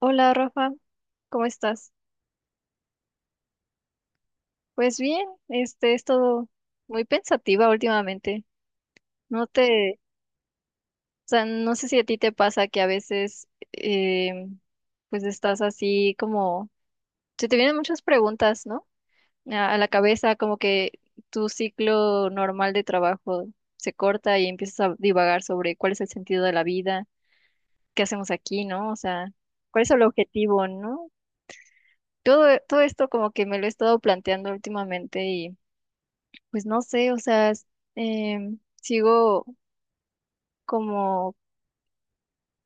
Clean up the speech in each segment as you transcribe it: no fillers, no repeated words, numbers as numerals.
Hola Rafa, ¿cómo estás? Pues bien, he estado muy pensativa últimamente. No te, o sea, no sé si a ti te pasa que a veces eh, pues estás así como se te vienen muchas preguntas, ¿no? A la cabeza, como que tu ciclo normal de trabajo se corta y empiezas a divagar sobre cuál es el sentido de la vida, qué hacemos aquí, ¿no? O sea, cuál es el objetivo, ¿no? Todo esto como que me lo he estado planteando últimamente. Y pues no sé, o sea, sigo como,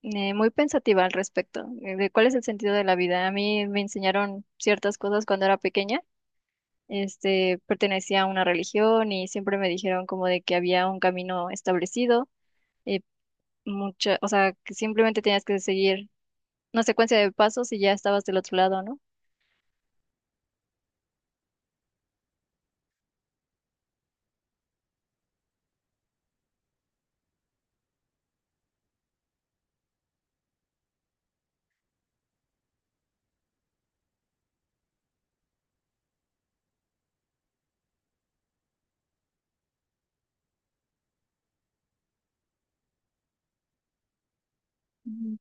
muy pensativa al respecto, de cuál es el sentido de la vida. A mí me enseñaron ciertas cosas cuando era pequeña. Pertenecía a una religión y siempre me dijeron como de que había un camino establecido, eh, o sea, que simplemente tenías que seguir una secuencia de pasos y ya estabas del otro lado, ¿no? Ujú.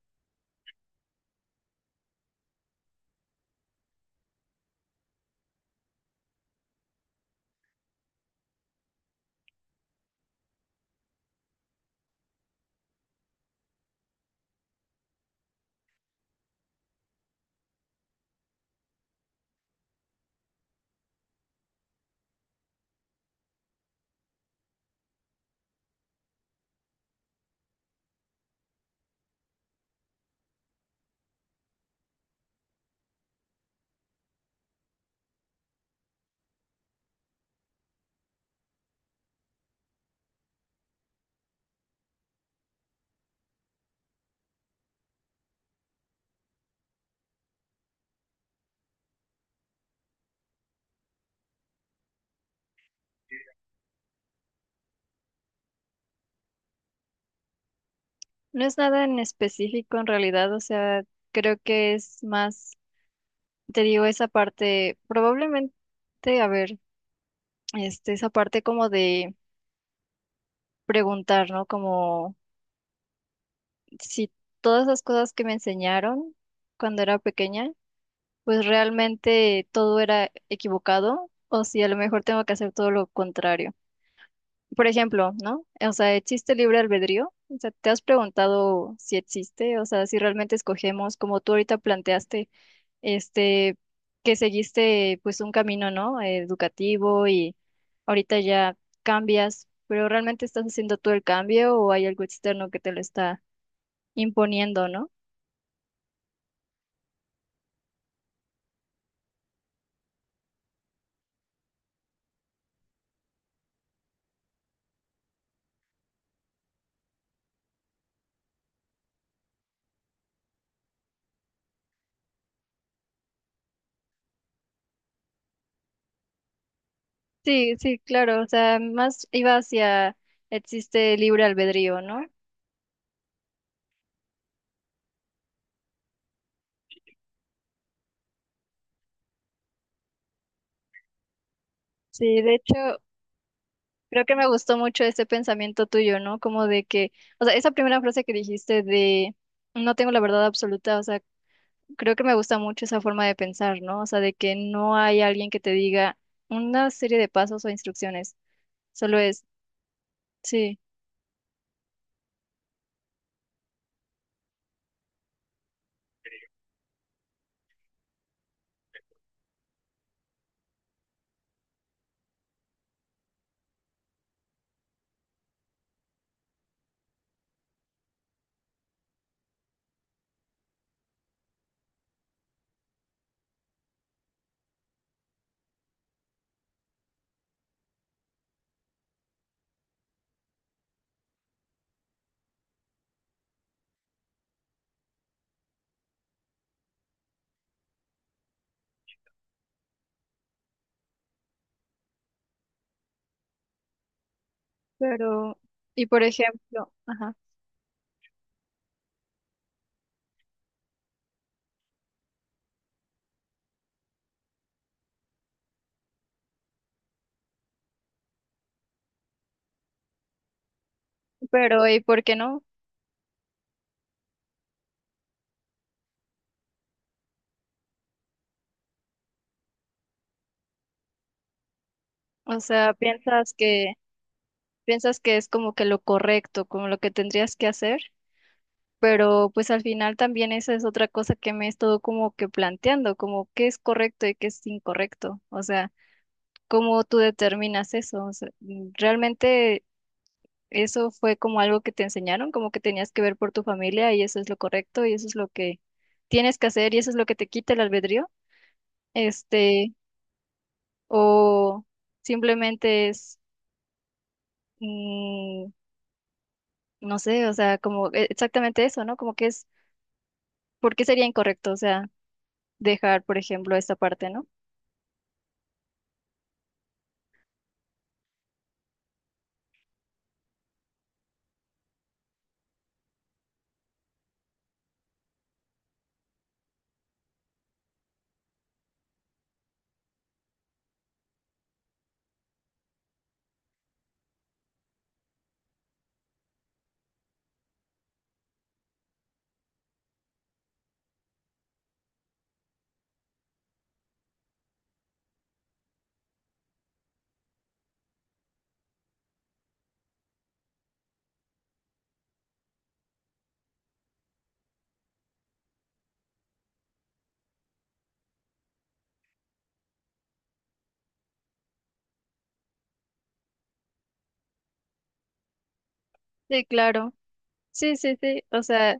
No es nada en específico en realidad, o sea, creo que es más. Te digo esa parte, probablemente, a ver, esa parte como de preguntar, ¿no? Como si todas las cosas que me enseñaron cuando era pequeña, pues realmente todo era equivocado, o si a lo mejor tengo que hacer todo lo contrario. Por ejemplo, ¿no? O sea, ¿existe libre albedrío? O sea, ¿te has preguntado si existe? O sea, si realmente escogemos, como tú ahorita planteaste, este, que seguiste, pues, un camino, ¿no?, educativo, y ahorita ya cambias, pero ¿realmente estás haciendo tú el cambio o hay algo externo que te lo está imponiendo, ¿no? Sí, sí, claro, o sea, más iba hacia existe libre albedrío, ¿no? Sí, de hecho, creo que me gustó mucho ese pensamiento tuyo, ¿no? Como de que, o sea, esa primera frase que dijiste de no tengo la verdad absoluta, o sea, creo que me gusta mucho esa forma de pensar, ¿no? O sea, de que no hay alguien que te diga una serie de pasos o instrucciones, solo es, sí, pero, y por ejemplo, ajá, pero, ¿y por qué no? O sea, piensas que es como que lo correcto, como lo que tendrías que hacer, pero pues al final también esa es otra cosa que me he estado como que planteando, como qué es correcto y qué es incorrecto, o sea, cómo tú determinas eso, o sea, realmente eso fue como algo que te enseñaron, como que tenías que ver por tu familia y eso es lo correcto y eso es lo que tienes que hacer y eso es lo que te quita el albedrío. Este, o simplemente es, mm, no sé, o sea, como exactamente eso, ¿no? Como que es, ¿por qué sería incorrecto? O sea, dejar, por ejemplo, esta parte, ¿no? Sí, claro. Sí, sí, sí. O sea,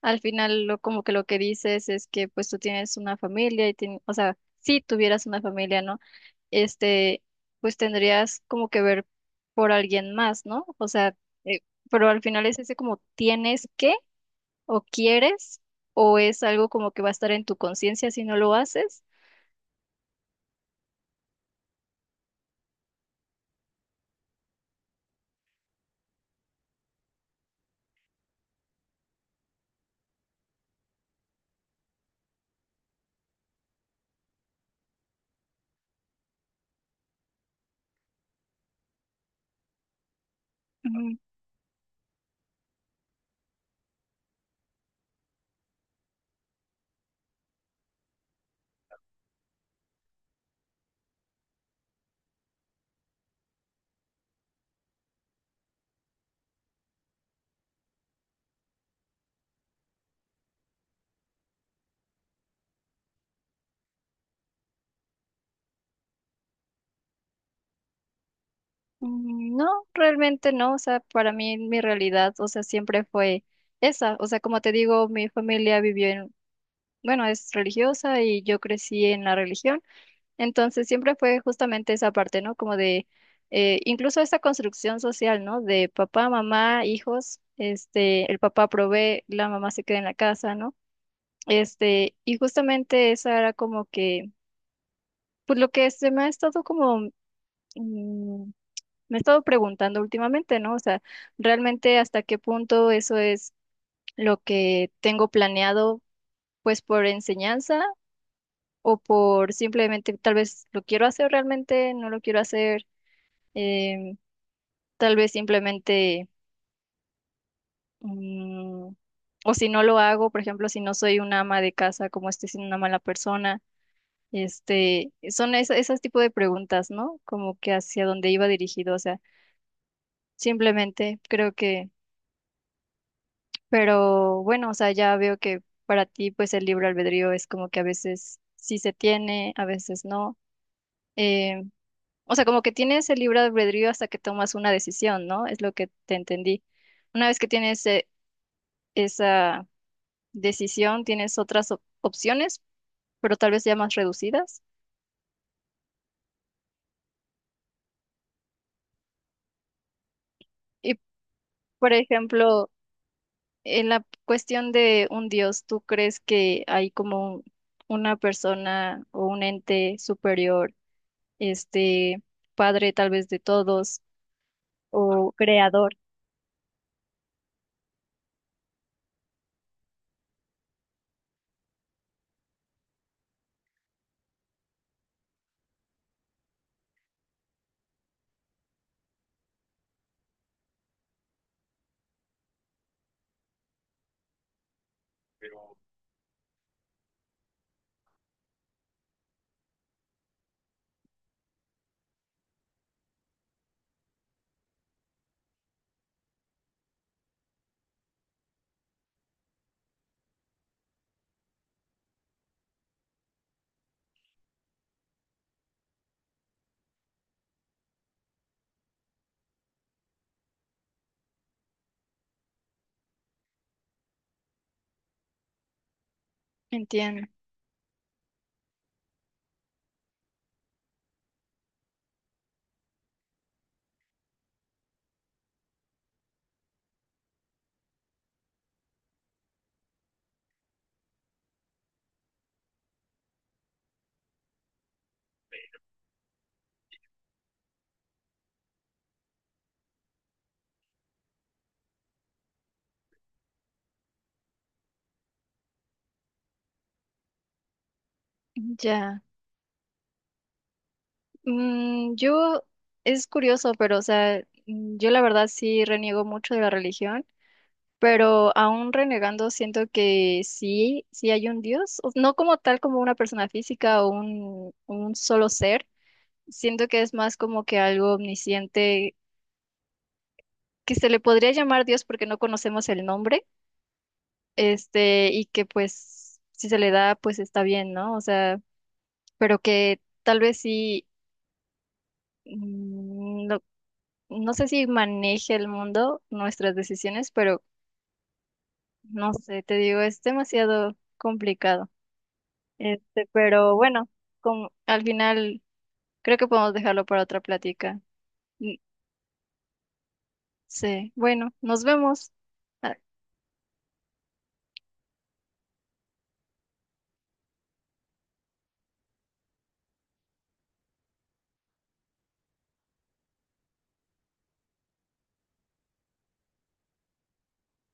al final lo como que lo que dices es que pues tú tienes una familia y o sea, si tuvieras una familia, ¿no? este, pues tendrías como que ver por alguien más, ¿no? O sea, eh, pero al final es ese como tienes que o quieres o es algo como que va a estar en tu conciencia si no lo haces. Mm, mm, no, realmente no, o sea, para mí mi realidad, o sea, siempre fue esa. O sea, como te digo, mi familia vivió en, bueno, es religiosa, y yo crecí en la religión. Entonces siempre fue justamente esa parte, ¿no? Como de, incluso esa construcción social, ¿no? De papá, mamá, hijos, el papá provee, la mamá se queda en la casa, ¿no? Y justamente esa era como que, pues lo que se me ha estado como, mm, me he estado preguntando últimamente, ¿no? O sea, realmente hasta qué punto eso es lo que tengo planeado, pues por enseñanza, o por simplemente tal vez lo quiero hacer realmente, no lo quiero hacer, em, Tal vez simplemente, mm, o si no lo hago, por ejemplo, si no soy una ama de casa, como estoy siendo una mala persona. Son esas tipo de preguntas, ¿no? Como que hacia dónde iba dirigido, o sea, simplemente creo que, pero bueno, o sea, ya veo que para ti, pues el libre albedrío es como que a veces sí se tiene, a veces no. Eh, o sea, como que tienes el libre albedrío hasta que tomas una decisión, ¿no? Es lo que te entendí. Una vez que tienes, esa decisión, tienes otras opciones, pero tal vez ya más reducidas. Y, por ejemplo, en la cuestión de un dios, ¿tú crees que hay como una persona o un ente superior, este, padre tal vez de todos o creador? Entiendo. Ya. Mm, yo, es curioso, pero, o sea, yo la verdad sí reniego mucho de la religión. Pero aún renegando, siento que sí, sí hay un Dios, no como tal como una persona física o un solo ser. Siento que es más como que algo omnisciente, que se le podría llamar Dios porque no conocemos el nombre, y que pues si se le da, pues está bien, ¿no? O sea, pero que tal vez sí, no, no sé si maneje el mundo, nuestras decisiones, pero no sé, te digo, es demasiado complicado. Pero bueno, con, al final creo que podemos dejarlo para otra plática. Mm, sí, bueno, nos vemos. Ah,